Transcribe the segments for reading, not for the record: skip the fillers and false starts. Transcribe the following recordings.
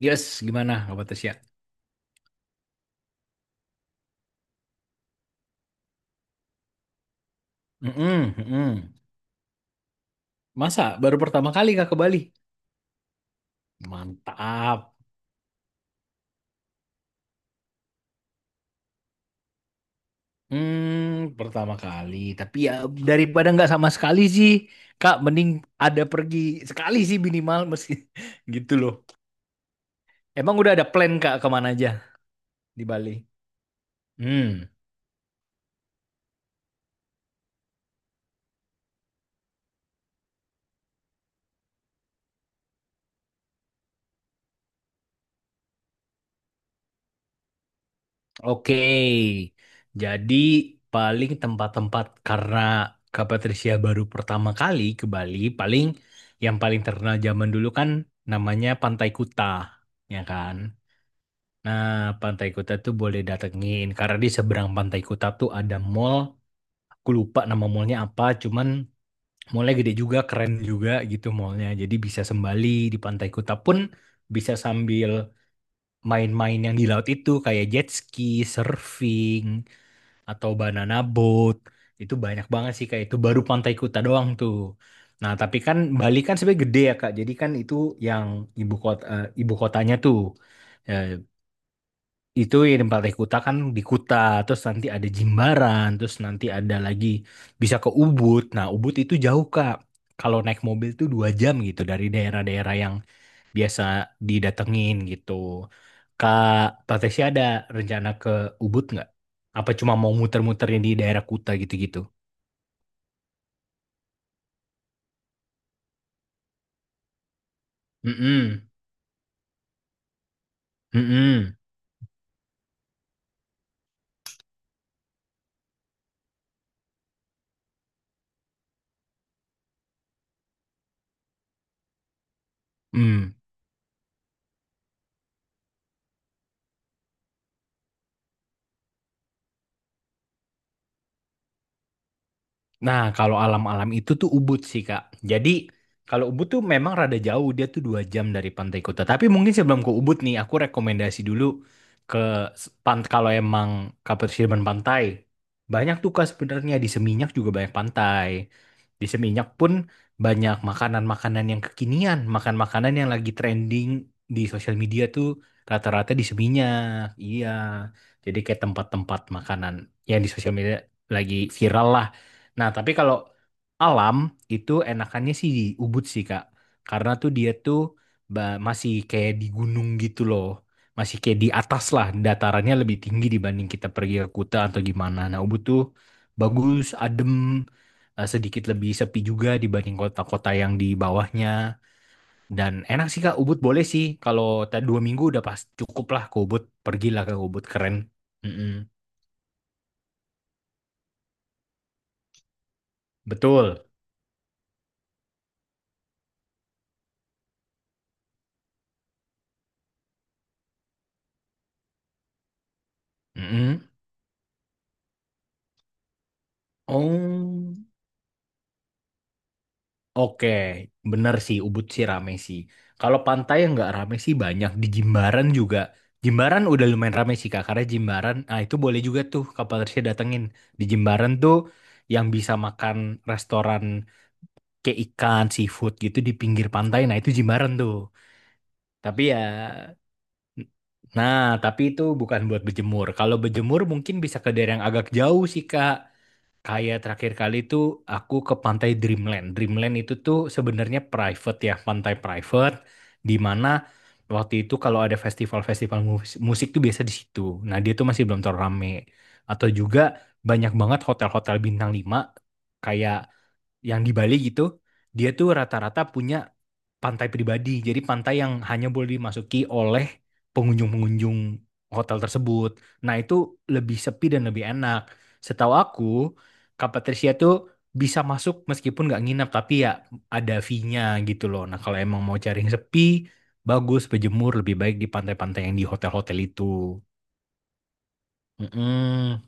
Yes, gimana kabar Tasya? Mm-mm, mm-mm. Masa baru pertama kali Kak ke Bali? Mantap. Hmm, pertama kali. Tapi ya daripada nggak sama sekali sih, Kak, mending ada pergi sekali sih minimal meski gitu loh. Emang udah ada plan Kak kemana aja di Bali? Hmm. Oke, jadi paling tempat-tempat karena Kak Patricia baru pertama kali ke Bali, paling yang paling terkenal zaman dulu kan namanya Pantai Kuta, ya kan? Nah, Pantai Kuta tuh boleh datengin karena di seberang Pantai Kuta tuh ada mall. Aku lupa nama mallnya apa, cuman mallnya gede juga, keren juga gitu mallnya. Jadi bisa sembali di Pantai Kuta pun bisa sambil main-main yang di laut itu kayak jet ski, surfing atau banana boat itu banyak banget sih kak. Itu baru Pantai Kuta doang tuh. Nah tapi kan Bali kan sebenarnya gede ya kak, jadi kan itu yang ibu kotanya tuh. Eh, itu yang Pantai Kuta kan di Kuta, terus nanti ada Jimbaran, terus nanti ada lagi bisa ke Ubud. Nah Ubud itu jauh kak, kalau naik mobil tuh 2 jam gitu dari daerah-daerah yang biasa didatengin gitu. Kak Tateshi ada rencana ke Ubud nggak? Apa cuma mau muter-muterin di daerah Kuta gitu-gitu? Mm-mm. Mm-mm. Mm. Nah, kalau alam-alam itu tuh Ubud sih, Kak. Jadi, kalau Ubud tuh memang rada jauh, dia tuh 2 jam dari pantai kota. Tapi mungkin sebelum ke Ubud nih, aku rekomendasi dulu ke kalau emang Kapuasirman pantai. Banyak tuh Kak, sebenarnya di Seminyak juga banyak pantai. Di Seminyak pun banyak makanan-makanan yang kekinian, makan-makanan yang lagi trending di sosial media tuh rata-rata di Seminyak. Iya. Jadi kayak tempat-tempat makanan yang di sosial media lagi viral lah. Nah, tapi kalau alam itu enakannya sih di Ubud sih, Kak. Karena tuh dia tuh masih kayak di gunung gitu loh. Masih kayak di atas lah, datarannya lebih tinggi dibanding kita pergi ke Kuta atau gimana. Nah, Ubud tuh bagus, adem, sedikit lebih sepi juga dibanding kota-kota yang di bawahnya. Dan enak sih, Kak. Ubud boleh sih. Kalau 2 minggu udah pas cukup lah ke Ubud. Pergilah ke Ubud, keren. Mm-mm. Betul. Mm-mm. Oh. Oke, bener sih Ubud sih rame sih. Kalau pantai yang nggak rame sih banyak di Jimbaran juga. Jimbaran udah lumayan rame sih Kak, karena Jimbaran, itu boleh juga tuh Kapal Tersia datengin. Di Jimbaran tuh yang bisa makan restoran kayak ikan, seafood gitu di pinggir pantai, nah itu Jimbaran tuh. Tapi ya, nah tapi itu bukan buat berjemur. Kalau berjemur mungkin bisa ke daerah yang agak jauh sih Kak. Kayak terakhir kali tuh aku ke pantai Dreamland. Dreamland itu tuh sebenarnya private ya, pantai private di mana waktu itu kalau ada festival-festival musik tuh biasa di situ. Nah, dia tuh masih belum terlalu rame. Atau juga banyak banget hotel-hotel bintang 5 kayak yang di Bali gitu, dia tuh rata-rata punya pantai pribadi. Jadi pantai yang hanya boleh dimasuki oleh pengunjung-pengunjung hotel tersebut. Nah, itu lebih sepi dan lebih enak. Setahu aku, Kak Patricia tuh bisa masuk meskipun nggak nginep, tapi ya ada fee-nya gitu loh. Nah, kalau emang mau cari yang sepi, bagus berjemur lebih baik di pantai-pantai yang di hotel-hotel itu. Mm-mm.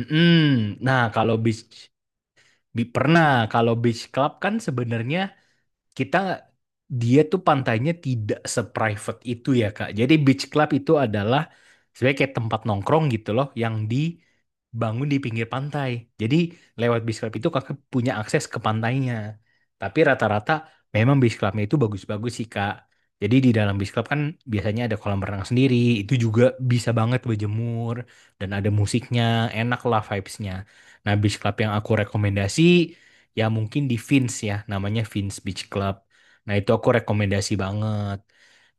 Mm-mm. Nah, kalau beach pernah kalau beach club kan sebenarnya kita dia tuh pantainya tidak seprivate itu ya Kak. Jadi beach club itu adalah sebenarnya kayak tempat nongkrong gitu loh yang dibangun di pinggir pantai. Jadi lewat beach club itu Kakak punya akses ke pantainya. Tapi rata-rata memang beach clubnya itu bagus-bagus sih Kak. Jadi di dalam beach club kan biasanya ada kolam renang sendiri, itu juga bisa banget berjemur dan ada musiknya, enak lah vibes-nya. Nah, beach club yang aku rekomendasi ya mungkin di Vince ya, namanya Vince Beach Club. Nah itu aku rekomendasi banget,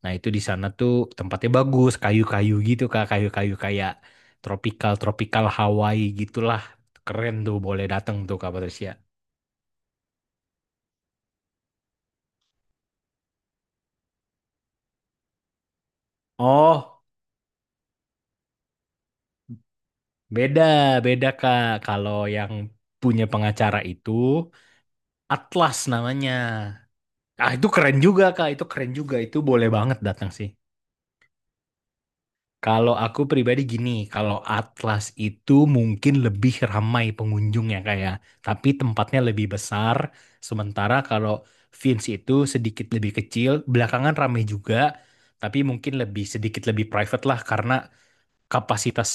nah itu di sana tuh tempatnya bagus kayu-kayu gitu kak, kayu-kayu kayak tropical tropical Hawaii gitulah, keren tuh boleh datang tuh kak Patricia. Oh, beda beda kak kalau yang punya pengacara itu Atlas namanya. Ah itu keren juga kak, itu keren juga, itu boleh banget datang sih. Kalau aku pribadi gini, kalau Atlas itu mungkin lebih ramai pengunjungnya kayak, tapi tempatnya lebih besar. Sementara kalau Vince itu sedikit lebih kecil, belakangan ramai juga, tapi mungkin lebih sedikit lebih private lah karena kapasitas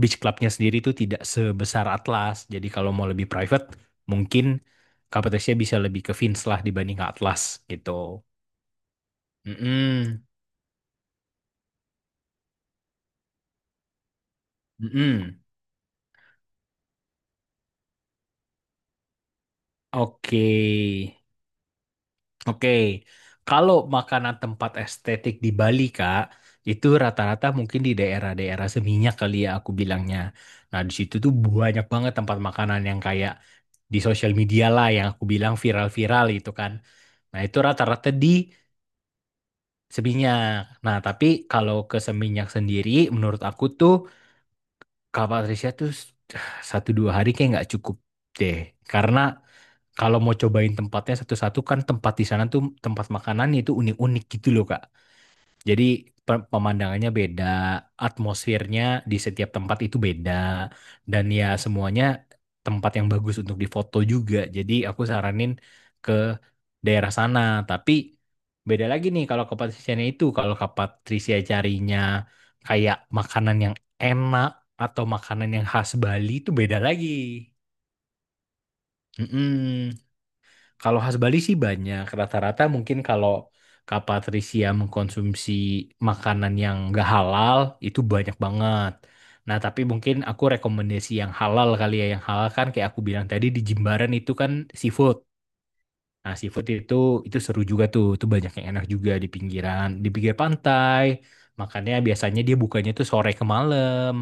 beach clubnya sendiri itu tidak sebesar Atlas. Jadi kalau mau lebih private, mungkin kapasitasnya bisa lebih ke Vince lah dibanding ke Atlas gitu. Mm-mm. Mm-mm. Oke. Oke, kalau makanan tempat estetik di Bali, Kak, itu rata-rata mungkin di daerah-daerah Seminyak kali ya aku bilangnya. Nah, di situ tuh banyak banget tempat makanan yang kayak di sosial media lah yang aku bilang viral-viral itu kan. Nah, itu rata-rata di Seminyak. Nah, tapi kalau ke Seminyak sendiri, menurut aku tuh Kak Patricia tuh satu dua hari kayak nggak cukup deh. Karena kalau mau cobain tempatnya satu-satu kan tempat di sana tuh tempat makanannya itu unik-unik gitu loh Kak. Jadi pemandangannya beda, atmosfernya di setiap tempat itu beda, dan ya semuanya tempat yang bagus untuk difoto juga. Jadi aku saranin ke daerah sana, tapi beda lagi nih kalau ke Patrisianya itu, kalau ke Patrisia carinya kayak makanan yang enak atau makanan yang khas Bali itu beda lagi. Mm-mm. Kalau khas Bali sih banyak. Rata-rata mungkin kalau Kak Patricia mengkonsumsi makanan yang gak halal, itu banyak banget. Nah, tapi mungkin aku rekomendasi yang halal kali ya. Yang halal kan kayak aku bilang tadi di Jimbaran itu kan seafood. Nah, seafood itu seru juga tuh. Itu banyak yang enak juga di pinggiran, di pinggir pantai. Makanya biasanya dia bukanya tuh sore ke malam.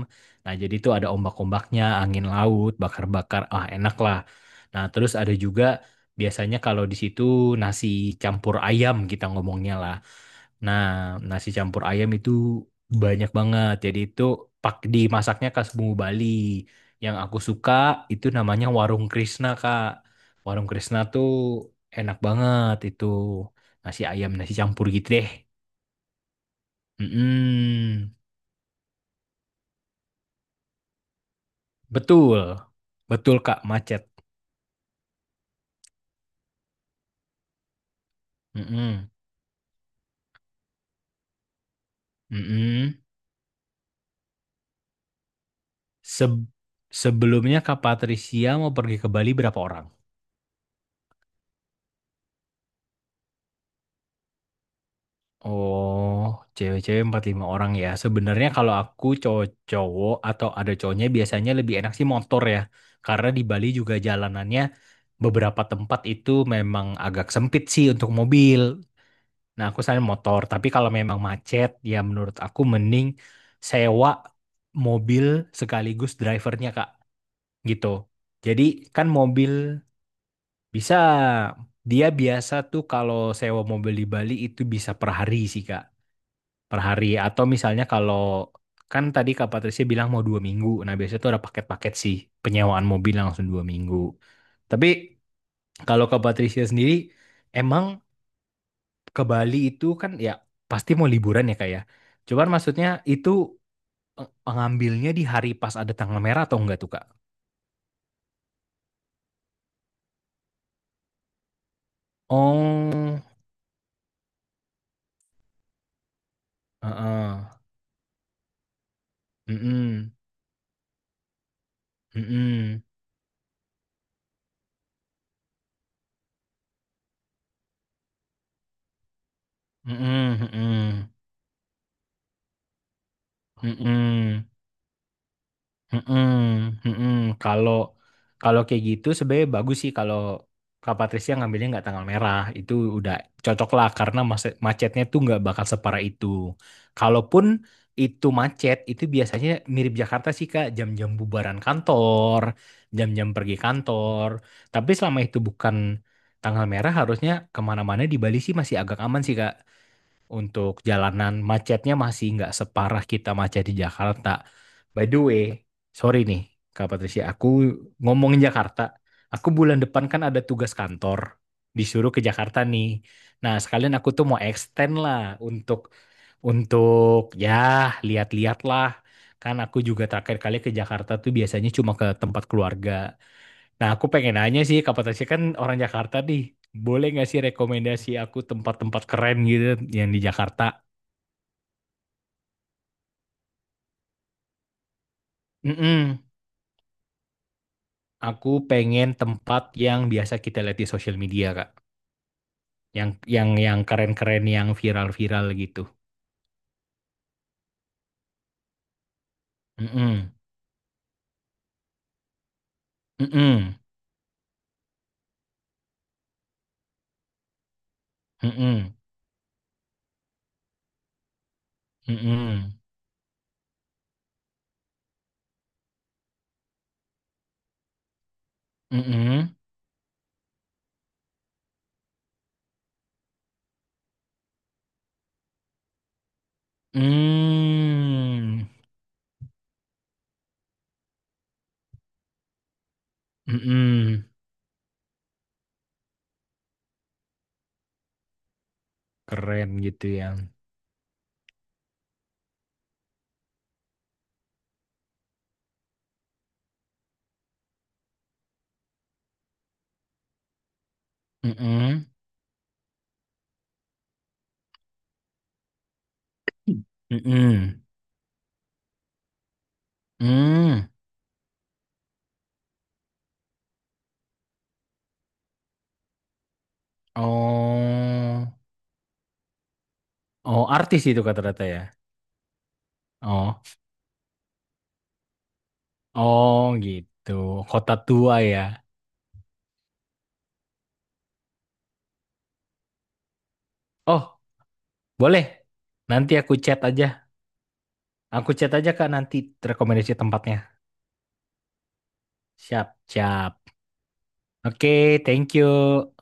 Nah, jadi tuh ada ombak-ombaknya, angin laut, bakar-bakar. Ah, enak lah. Nah, terus ada juga biasanya kalau di situ nasi campur ayam kita ngomongnya lah. Nah, nasi campur ayam itu banyak banget. Jadi itu pak dimasaknya khas Bumbu Bali. Yang aku suka itu namanya Warung Krisna, Kak. Warung Krisna tuh enak banget itu, nasi ayam nasi campur gitu deh. Mm-mm. Betul, betul Kak macet. Mm-mm. Mm-mm. Se- Sebelumnya Kak Patricia mau pergi ke Bali berapa orang? Oh, cewek-cewek empat lima orang ya. Sebenarnya kalau aku cowok-cowok atau ada cowoknya biasanya lebih enak sih motor ya. Karena di Bali juga jalanannya beberapa tempat itu memang agak sempit sih untuk mobil. Nah, aku selain motor, tapi kalau memang macet, ya menurut aku mending sewa mobil sekaligus drivernya, Kak. Gitu. Jadi kan mobil bisa, dia biasa tuh kalau sewa mobil di Bali itu bisa per hari sih, Kak. Per hari. Atau misalnya kalau, kan tadi Kak Patricia bilang mau 2 minggu. Nah, biasanya tuh ada paket-paket sih, penyewaan mobil langsung 2 minggu. Tapi kalau Kak Patricia sendiri, emang ke Bali itu kan ya pasti mau liburan ya kak ya. Cuman maksudnya itu eh, ngambilnya di hari pas ada tanggal merah atau enggak tuh kak? Oh, heeh, mm-mm, mm-mm, mm-mm, mm-mm, mm-mm, mm-mm. Mm-mm, mm-mm. Kalau kalau kayak gitu sebenarnya bagus sih kalau Kak Patricia ngambilnya nggak tanggal merah itu udah cocok lah karena macetnya tuh nggak bakal separah itu. Kalaupun itu macet itu biasanya mirip Jakarta sih Kak, jam-jam bubaran kantor, jam-jam pergi kantor. Tapi selama itu bukan tanggal merah, harusnya kemana-mana di Bali sih masih agak aman sih Kak. Untuk jalanan macetnya masih nggak separah kita macet di Jakarta. By the way, sorry nih Kak Patricia, aku ngomongin Jakarta. Aku bulan depan kan ada tugas kantor, disuruh ke Jakarta nih. Nah, sekalian aku tuh mau extend lah untuk untuk ya lihat-lihat lah. Kan aku juga terakhir kali ke Jakarta tuh biasanya cuma ke tempat keluarga. Nah, aku pengen nanya sih, Kak Patasya kan orang Jakarta nih. Boleh nggak sih rekomendasi aku tempat-tempat keren gitu yang di Jakarta? Mm-mm. Aku pengen tempat yang biasa kita lihat di sosial media, Kak. Yang yang keren-keren, yang viral-viral gitu. Mm-mm. Mm-mm. Mm-mm. Mm-mm. Mm-mm. Mm. Mm-mm. Keren gitu ya. Mm-mm. Mm-mm. Mm. Oh. Oh, artis itu kata rata ya. Oh, oh gitu. Kota tua ya. Oh, boleh. Nanti aku chat aja. Aku chat aja Kak nanti rekomendasi tempatnya. Siap, siap. Oke, thank you.